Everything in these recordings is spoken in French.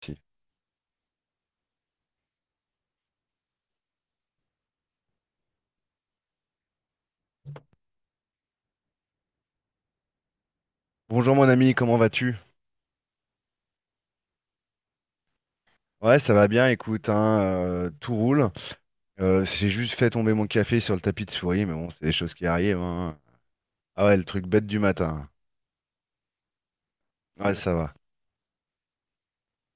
Si. Bonjour mon ami, comment vas-tu? Ouais, ça va bien, écoute, hein, tout roule. J'ai juste fait tomber mon café sur le tapis de souris, mais bon, c'est des choses qui arrivent, hein. Ah ouais, le truc bête du matin. Ouais, ça va.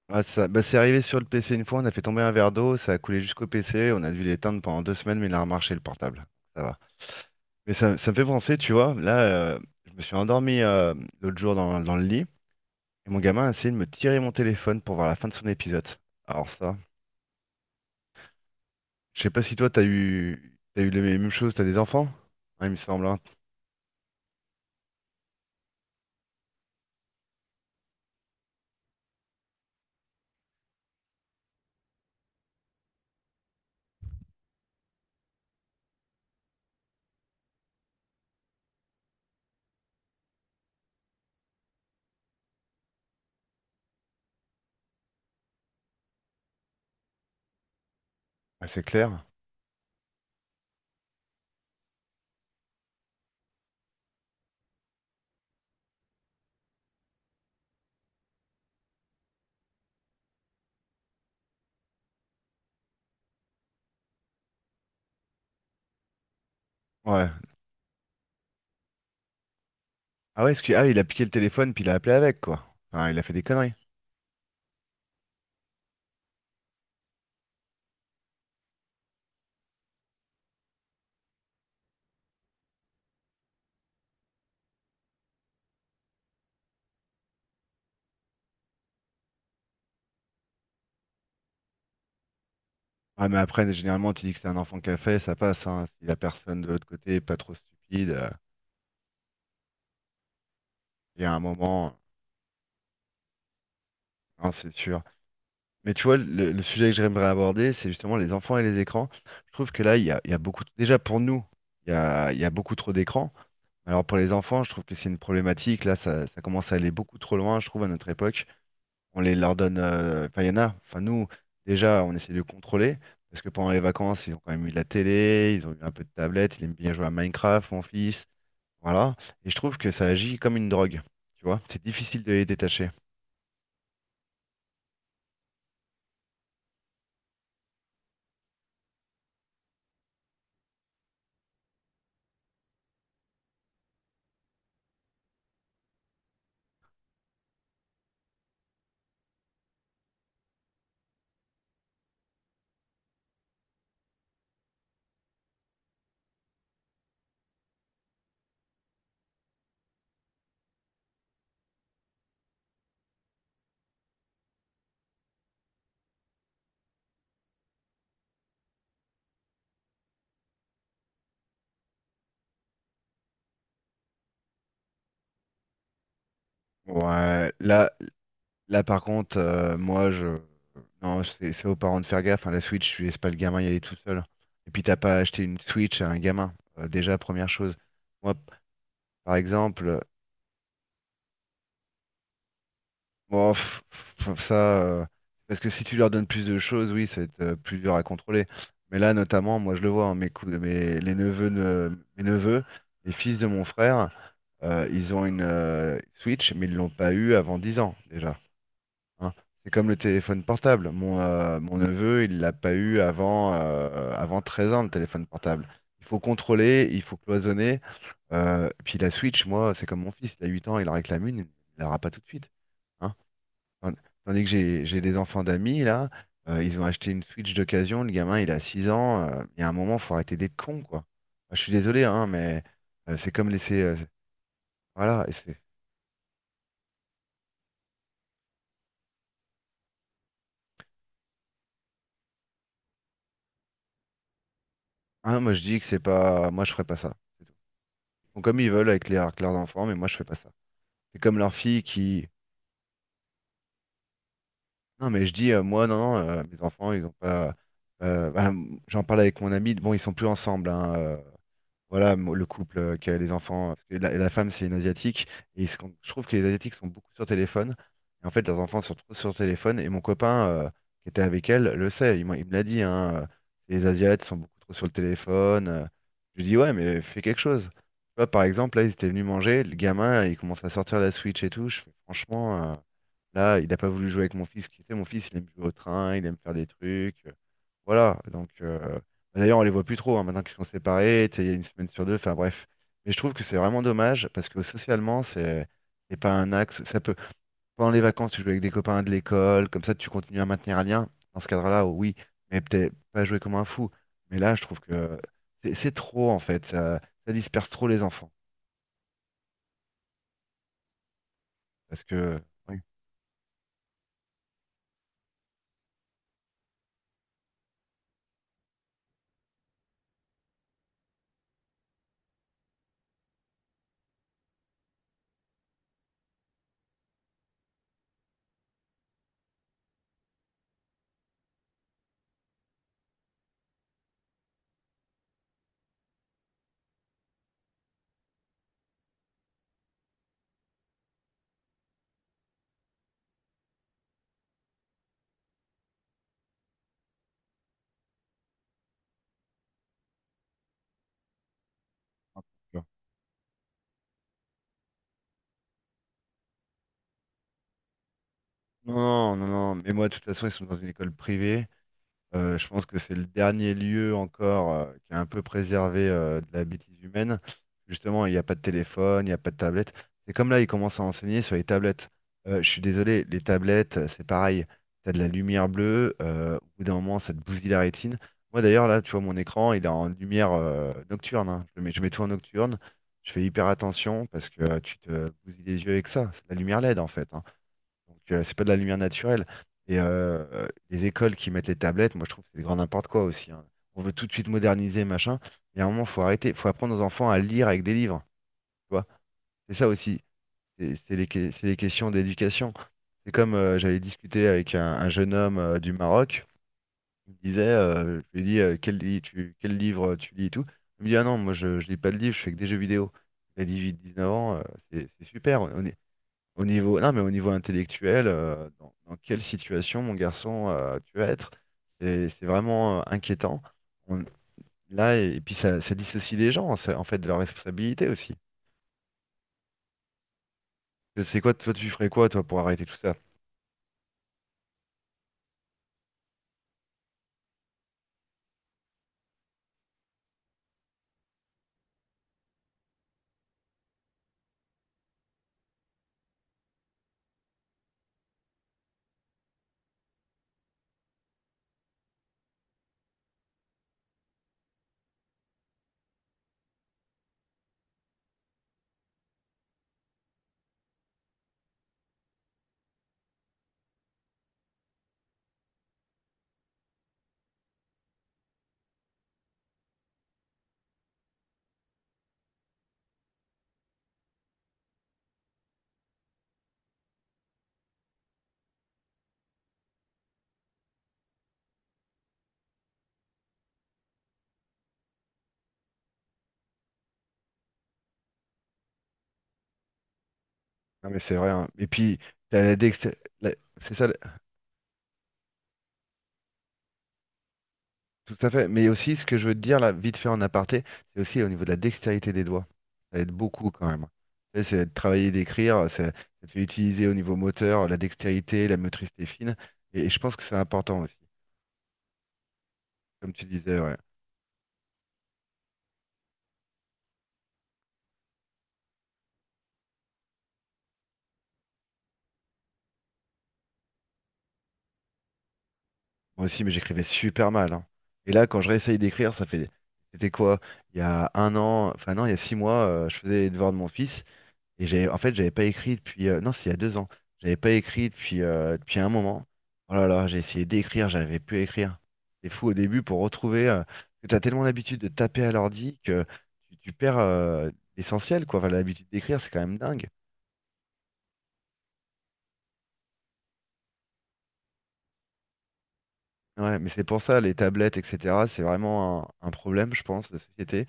Ah, ça. Bah, c'est arrivé sur le PC une fois, on a fait tomber un verre d'eau, ça a coulé jusqu'au PC, on a dû l'éteindre pendant 2 semaines, mais il a remarché le portable. Ça va. Mais ça me fait penser, tu vois, là, je me suis endormi, l'autre jour dans le lit, et mon gamin a essayé de me tirer mon téléphone pour voir la fin de son épisode. Alors ça. Je sais pas si toi, t'as eu les mêmes choses, t'as des enfants? Ouais, il me semble, hein. Ouais, c'est clair. Ouais. Ah ouais, ah, oui, il a piqué le téléphone, puis il a appelé avec, quoi. Enfin, il a fait des conneries. Ah mais après, généralement, tu dis que c'est un enfant qui a fait, ça passe, hein. Si la personne de l'autre côté est pas trop stupide, il y a un moment, hein, c'est sûr. Mais tu vois, le sujet que j'aimerais aborder, c'est justement les enfants et les écrans. Je trouve que là, il y a beaucoup, déjà pour nous, il y a beaucoup trop d'écrans. Alors pour les enfants, je trouve que c'est une problématique. Là, ça commence à aller beaucoup trop loin, je trouve, à notre époque. On les leur donne. Enfin, il y en a. Enfin, nous, déjà, on essaie de contrôler. Parce que pendant les vacances, ils ont quand même eu de la télé, ils ont eu un peu de tablette, ils aiment bien jouer à Minecraft, mon fils. Voilà. Et je trouve que ça agit comme une drogue. Tu vois, c'est difficile de les détacher. Ouais, là par contre, moi, je. Non, c'est aux parents de faire gaffe, hein. La Switch, tu laisses pas le gamin y aller tout seul. Et puis, t'as pas acheté une Switch à un gamin. Déjà, première chose. Moi, par exemple. Bon, pff, ça, euh, parce que si tu leur donnes plus de choses, oui, ça va être plus dur à contrôler. Mais là, notamment, moi, je le vois, hein, les neveux, mes neveux, les fils de mon frère, ils ont une Switch, mais ils l'ont pas eu avant 10 ans déjà, hein. C'est comme le téléphone portable. Mon neveu, il l'a pas eu avant, avant 13 ans, le téléphone portable. Il faut contrôler, il faut cloisonner. Puis la Switch, moi, c'est comme mon fils, il a 8 ans, il en réclame une, il l'aura pas tout de suite, hein. Tand- Tandis que j'ai des enfants d'amis, là, ils ont acheté une Switch d'occasion, le gamin, il a 6 ans, il y a un moment, faut arrêter d'être con, quoi. Moi, je suis désolé, hein, mais c'est comme laisser. Voilà, et c'est. Hein, moi, je dis que c'est pas. Moi, je ferais pas ça, c'est tout. Ils font comme ils veulent avec leurs enfants, mais moi, je fais pas ça. C'est comme leur fille qui. Non, mais je dis, moi, non, non, mes enfants, ils ont pas. Bah, j'en parle avec mon ami, bon, ils sont plus ensemble, hein. Voilà, le couple, qui a les enfants. Parce que la femme, c'est une Asiatique. Et je trouve que les Asiatiques sont beaucoup sur téléphone. Et en fait, leurs enfants sont trop sur téléphone. Et mon copain, qui était avec elle, le sait. Il me l'a dit, hein. Les Asiates sont beaucoup trop sur le téléphone. Je lui dis, ouais, mais fais quelque chose. Tu vois, par exemple, là, ils étaient venus manger. Le gamin, il commence à sortir la Switch et tout. Je fais, franchement, là, il n'a pas voulu jouer avec mon fils. Tu sais, mon fils, il aime jouer au train, il aime faire des trucs. Voilà. Donc. D'ailleurs, on les voit plus trop, hein, maintenant qu'ils sont séparés, tu sais. Il y a une semaine sur deux. Enfin bref. Mais je trouve que c'est vraiment dommage parce que socialement, c'est pas un axe. Ça peut pendant les vacances, tu joues avec des copains de l'école, comme ça, tu continues à maintenir un lien. Dans ce cadre-là, oui, mais peut-être pas jouer comme un fou. Mais là, je trouve que c'est trop en fait. Ça disperse trop les enfants parce que oui, tu vois. Non, non, non. Non, mais moi, de toute façon, ils sont dans une école privée. Je pense que c'est le dernier lieu encore, qui est un peu préservé, de la bêtise humaine. Justement, il n'y a pas de téléphone, il n'y a pas de tablette. C'est comme là, ils commencent à enseigner sur les tablettes. Je suis désolé, les tablettes, c'est pareil. Tu as de la lumière bleue, au bout d'un moment, ça te bousille la rétine. Moi d'ailleurs, là, tu vois, mon écran, il est en lumière, nocturne, hein. Je mets tout en nocturne. Je fais hyper attention parce que, tu te bousilles les yeux avec ça. C'est de la lumière LED en fait, hein. Donc, c'est pas de la lumière naturelle. Et les écoles qui mettent les tablettes, moi, je trouve que c'est grand n'importe quoi aussi, hein. On veut tout de suite moderniser, machin. Mais à un moment, faut arrêter, faut apprendre aux enfants à lire avec des livres. Tu vois? C'est ça aussi. C'est c'est les questions d'éducation. C'est comme, j'avais discuté avec un jeune homme, du Maroc. Il me disait, je lui ai dit, quel livre, tu lis et tout. Il me dit, ah non, moi, je lis pas de livre, je fais que des jeux vidéo. Il a 18, 19 ans, c'est super. Au niveau, non, mais au niveau intellectuel, dans quelle situation, mon garçon, tu vas être? C'est vraiment, inquiétant. On- Là, et puis ça dissocie les gens, en fait, de leur responsabilité aussi. Je sais quoi, toi, tu ferais quoi, toi, pour arrêter tout ça? Non, mais c'est vrai, hein. Et puis, t'as la dexté- la- c'est ça. Tout à fait. Mais aussi, ce que je veux te dire, là, vite fait en aparté, c'est aussi au niveau de la dextérité des doigts. Ça aide beaucoup quand même. Tu sais, c'est de travailler, d'écrire, ça te fait utiliser au niveau moteur la dextérité, la motricité fine. Et je pense que c'est important aussi. Comme tu disais, ouais. Moi aussi, mais j'écrivais super mal, hein. Et là, quand je réessaye d'écrire, ça fait. C'était quoi? Il y a 1 an, enfin non, il y a 6 mois, je faisais les devoirs de mon fils. Et j'ai, en fait, j'avais pas écrit depuis. Non, c'est il y a 2 ans. J'avais pas écrit depuis un moment. Oh là là, j'ai essayé d'écrire, j'avais pu écrire. C'est fou au début pour retrouver, que t'as tellement l'habitude de taper à l'ordi que tu perds, l'essentiel, quoi. Enfin, l'habitude d'écrire, c'est quand même dingue. Ouais, mais c'est pour ça, les tablettes, etc., c'est vraiment un problème, je pense, de société.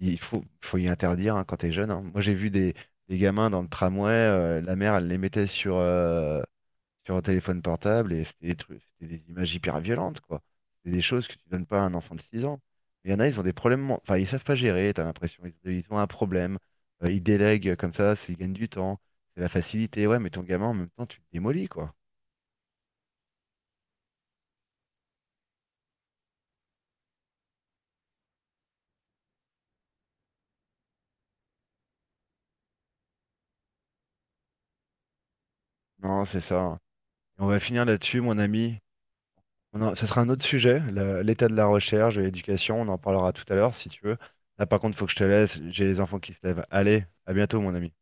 Il faut y interdire, hein, quand t'es jeune, hein. Moi, j'ai vu des gamins dans le tramway, la mère, elle les mettait sur un téléphone portable et c'était des trucs, c'était des images hyper violentes, quoi. C'est des choses que tu donnes pas à un enfant de 6 ans. Il y en a, ils ont des problèmes, enfin, ils savent pas gérer, t'as l'impression, ils ont un problème, ils délèguent comme ça, ils gagnent du temps, c'est la facilité. Ouais, mais ton gamin, en même temps, tu le démolis, quoi. Non, c'est ça. Et on va finir là-dessus, mon ami. Ça sera un autre sujet, l'état de la recherche, de l'éducation, on en parlera tout à l'heure, si tu veux. Là, par contre, faut que je te laisse, j'ai les enfants qui se lèvent. Allez, à bientôt, mon ami.